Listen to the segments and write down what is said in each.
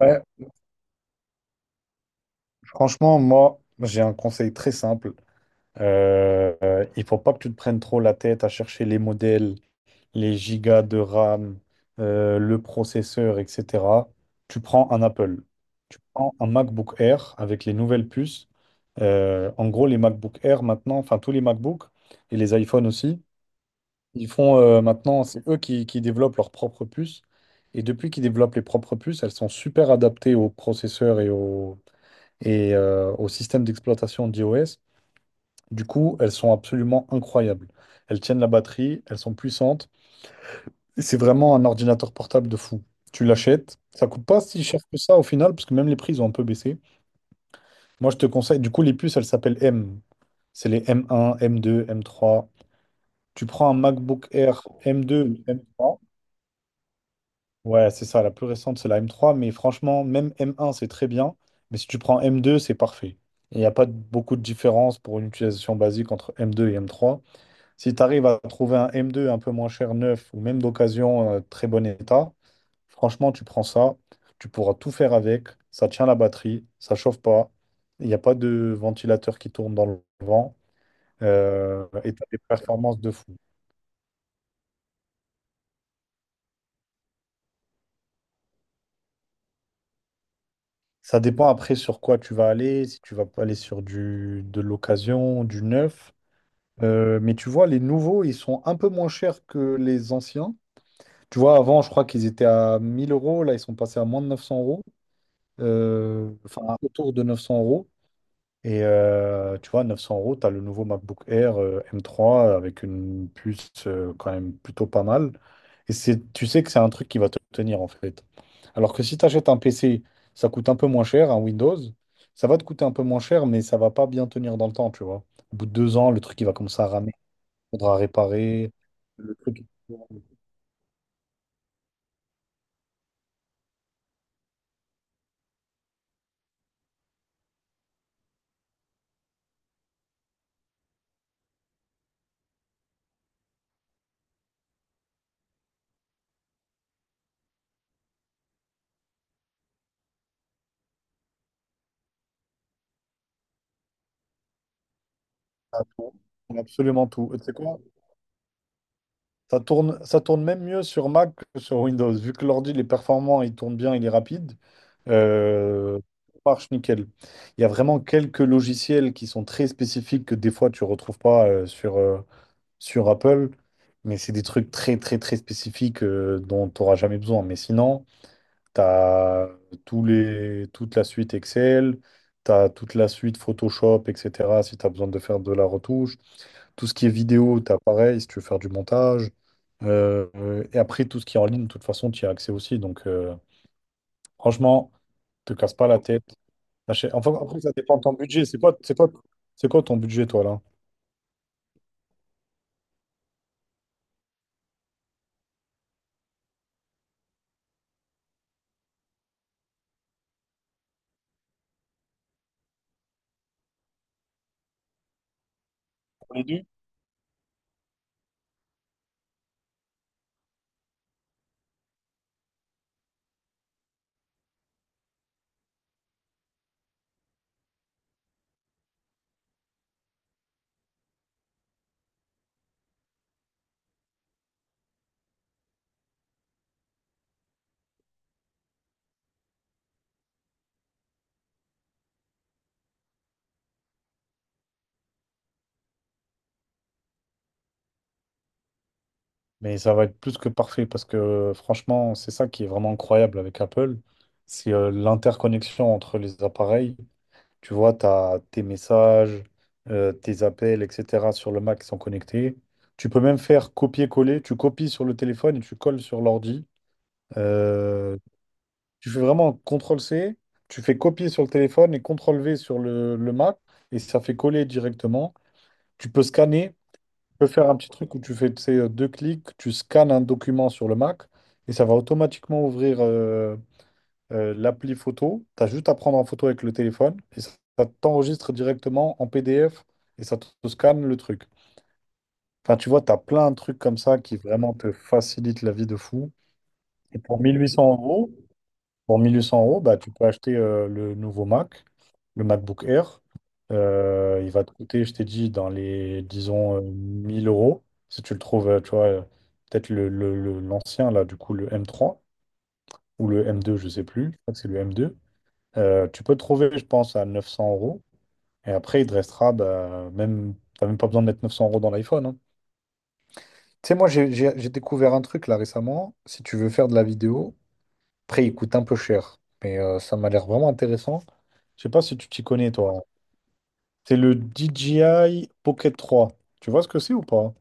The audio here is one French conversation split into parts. Ouais, franchement, moi, j'ai un conseil très simple. Il faut pas que tu te prennes trop la tête à chercher les modèles, les gigas de RAM, le processeur, etc. Tu prends un Apple. Tu prends un MacBook Air avec les nouvelles puces. En gros, les MacBook Air maintenant, enfin tous les MacBooks et les iPhones aussi, ils font maintenant, c'est eux qui développent leurs propres puces. Et depuis qu'ils développent les propres puces, elles sont super adaptées aux processeurs et au système d'exploitation d'iOS. Du coup, elles sont absolument incroyables. Elles tiennent la batterie, elles sont puissantes. Et c'est vraiment un ordinateur portable de fou. Tu l'achètes, ça coûte pas si cher que ça au final, parce que même les prix ils ont un peu baissé. Moi, je te conseille, du coup, les puces, elles s'appellent M. C'est les M1, M2, M3. Tu prends un MacBook Air M2, M3. Ouais, c'est ça, la plus récente, c'est la M3, mais franchement, même M1, c'est très bien, mais si tu prends M2, c'est parfait. Il n'y a pas beaucoup de différence pour une utilisation basique entre M2 et M3. Si tu arrives à trouver un M2 un peu moins cher, neuf, ou même d'occasion, très bon état, franchement, tu prends ça, tu pourras tout faire avec, ça tient la batterie, ça chauffe pas, il n'y a pas de ventilateur qui tourne dans le vent, et tu as des performances de fou. Ça dépend après sur quoi tu vas aller, si tu vas pas aller sur de l'occasion, du neuf. Mais tu vois, les nouveaux, ils sont un peu moins chers que les anciens. Tu vois, avant, je crois qu'ils étaient à 1000 euros, là, ils sont passés à moins de 900 euros. Enfin, autour de 900 euros. Et tu vois, 900 euros, tu as le nouveau MacBook Air M3 avec une puce quand même plutôt pas mal. Et c'est, tu sais que c'est un truc qui va te tenir en fait. Alors que si tu achètes un PC, ça coûte un peu moins cher, un Windows, ça va te coûter un peu moins cher, mais ça va pas bien tenir dans le temps, tu vois. Au bout de 2 ans, le truc il va commencer à ramer, il faudra réparer. Le truc, il faudra absolument tout. Et tu sais quoi? Ça tourne même mieux sur Mac que sur Windows. Vu que l'ordi, il est performant, il tourne bien, il est rapide, euh, ça marche nickel. Il y a vraiment quelques logiciels qui sont très spécifiques que des fois tu ne retrouves pas sur Apple, mais c'est des trucs très très très spécifiques dont tu n'auras jamais besoin. Mais sinon, tu as toute la suite Excel, tu as toute la suite Photoshop, etc. si tu as besoin de faire de la retouche. Tout ce qui est vidéo, t'as pareil, si tu veux faire du montage. Et après, tout ce qui est en ligne, de toute façon, tu y as accès aussi. Donc, franchement, te casse pas la tête. Enfin, après, ça dépend de ton budget. C'est quoi ton budget, toi, là? Pour les deux? Mais ça va être plus que parfait parce que franchement, c'est ça qui est vraiment incroyable avec Apple, c'est l'interconnexion entre les appareils. Tu vois, tu as tes messages, tes appels, etc. sur le Mac qui sont connectés. Tu peux même faire copier-coller, tu copies sur le téléphone et tu colles sur l'ordi. Euh, Tu fais vraiment CTRL-C, tu fais copier sur le téléphone et CTRL-V sur le Mac et ça fait coller directement. Tu peux faire un petit truc où tu sais, deux clics, tu scannes un document sur le Mac et ça va automatiquement ouvrir l'appli photo. Tu as juste à prendre en photo avec le téléphone et ça t'enregistre directement en PDF et ça te scanne le truc. Enfin, tu vois, tu as plein de trucs comme ça qui vraiment te facilitent la vie de fou. Et pour 1800 euros, bah, tu peux acheter le nouveau Mac, le MacBook Air. Il va te coûter, je t'ai dit, dans les, disons, 1000 euros. Si tu le trouves, tu vois, peut-être l'ancien, là, du coup, le M3 ou le M2, je sais plus. Je crois que c'est le M2. Tu peux le trouver, je pense, à 900 euros. Et après, il te restera, bah, même, t'as même pas besoin de mettre 900 euros dans l'iPhone, hein. Tu sais, moi, j'ai découvert un truc, là, récemment. Si tu veux faire de la vidéo. Après, il coûte un peu cher, mais ça m'a l'air vraiment intéressant. Je sais pas si tu t'y connais, toi. C'est le DJI Pocket 3. Tu vois ce que c'est ou pas?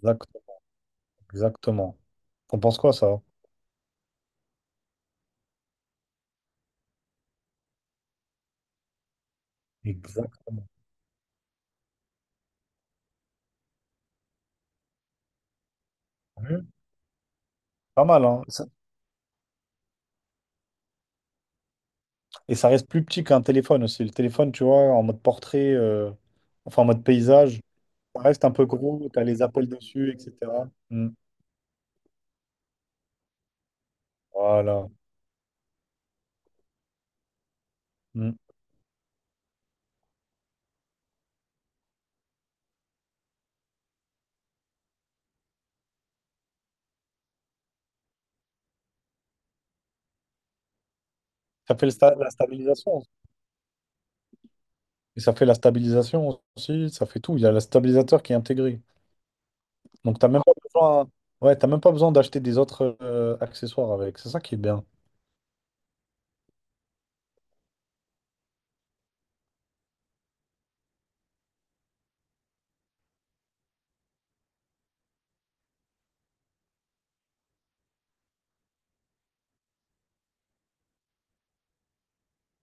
Exact- Exactement. T'en penses quoi, ça? Exactement. Mhm. Pas mal, hein? Et ça reste plus petit qu'un téléphone aussi. Le téléphone, tu vois, en mode portrait, enfin en mode paysage, ça reste un peu gros, t'as les appels dessus, etc. Mm. Voilà. Mm. Ça fait la stabilisation. Et ça fait la stabilisation aussi, ça fait tout. Il y a le stabilisateur qui est intégré. Donc, t'as même pas besoin, ouais, t'as même pas besoin d'acheter des autres accessoires avec. C'est ça qui est bien.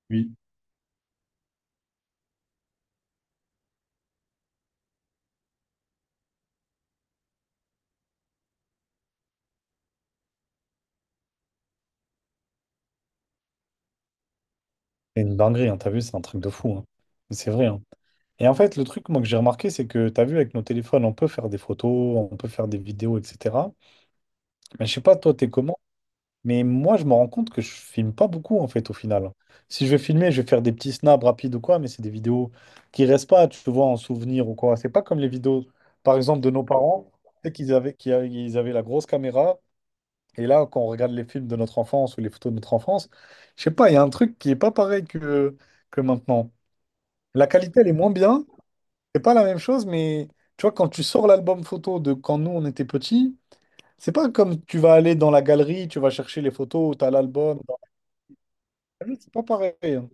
Oui. C'est une dinguerie, hein, t'as vu, c'est un truc de fou, hein. Mais c'est vrai, hein. Et en fait, le truc, moi, que j'ai remarqué, c'est que t'as vu, avec nos téléphones, on peut faire des photos, on peut faire des vidéos, etc. Mais je sais pas, toi, t'es comment? Mais moi, je me rends compte que je filme pas beaucoup, en fait, au final. Si je vais filmer, je vais faire des petits snaps rapides ou quoi, mais c'est des vidéos qui restent pas, tu vois, en souvenir ou quoi. C'est pas comme les vidéos, par exemple, de nos parents, c'est qu'ils avaient la grosse caméra. Et là, quand on regarde les films de notre enfance ou les photos de notre enfance, je sais pas, il y a un truc qui est pas pareil que maintenant. La qualité, elle est moins bien. C'est pas la même chose, mais tu vois, quand tu sors l'album photo de quand nous, on était petits, c'est pas comme tu vas aller dans la galerie, tu vas chercher les photos, tu as l'album. Ah oui, c'est pas pareil, hein.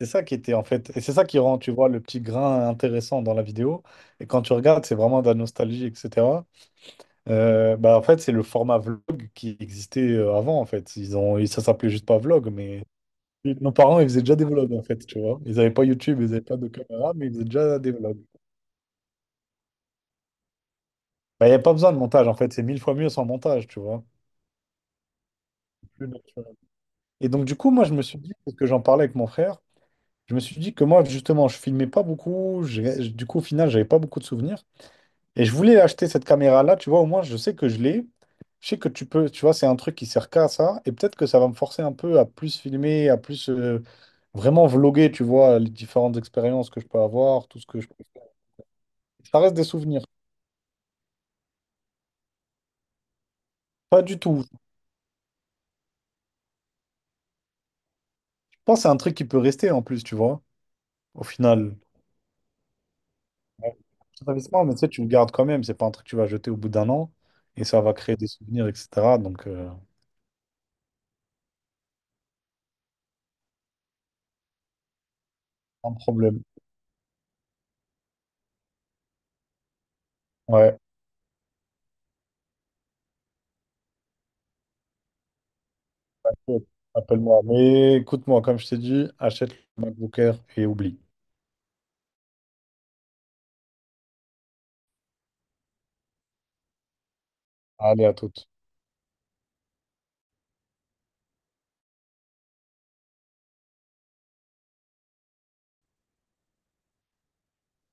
C'est ça qui était en fait, et c'est ça qui rend, tu vois, le petit grain intéressant dans la vidéo. Et quand tu regardes, c'est vraiment de la nostalgie, etc. Bah, en fait, c'est le format vlog qui existait avant, en fait. Ça s'appelait juste pas vlog, mais nos parents, ils faisaient déjà des vlogs, en fait, tu vois. Ils n'avaient pas YouTube, ils n'avaient pas de caméra, mais ils faisaient déjà des vlogs. Bah, il n'y a pas besoin de montage, en fait. C'est mille fois mieux sans montage, tu vois. Plus naturel. Et donc, du coup, moi, je me suis dit, parce que j'en parlais avec mon frère, je me suis dit que moi, justement, je filmais pas beaucoup. Du coup, au final, j'avais pas beaucoup de souvenirs. Et je voulais acheter cette caméra-là, tu vois, au moins je sais que je l'ai. Je sais que tu peux, tu vois, c'est un truc qui sert qu'à ça. Et peut-être que ça va me forcer un peu à plus filmer, à plus vraiment vloguer, tu vois, les différentes expériences que je peux avoir, tout ce que je peux faire. Ça reste des souvenirs. Pas du tout. Je pense que c'est un truc qui peut rester en plus, tu vois, au final. Ouais, c'est un investissement, mais tu sais, tu le gardes quand même. C'est pas un truc que tu vas jeter au bout d'un an et ça va créer des souvenirs, etc. Donc, pas de problème. Ouais, appelle-moi. Mais écoute-moi, comme je t'ai dit, achète le MacBook Air et oublie. Allez, à toutes.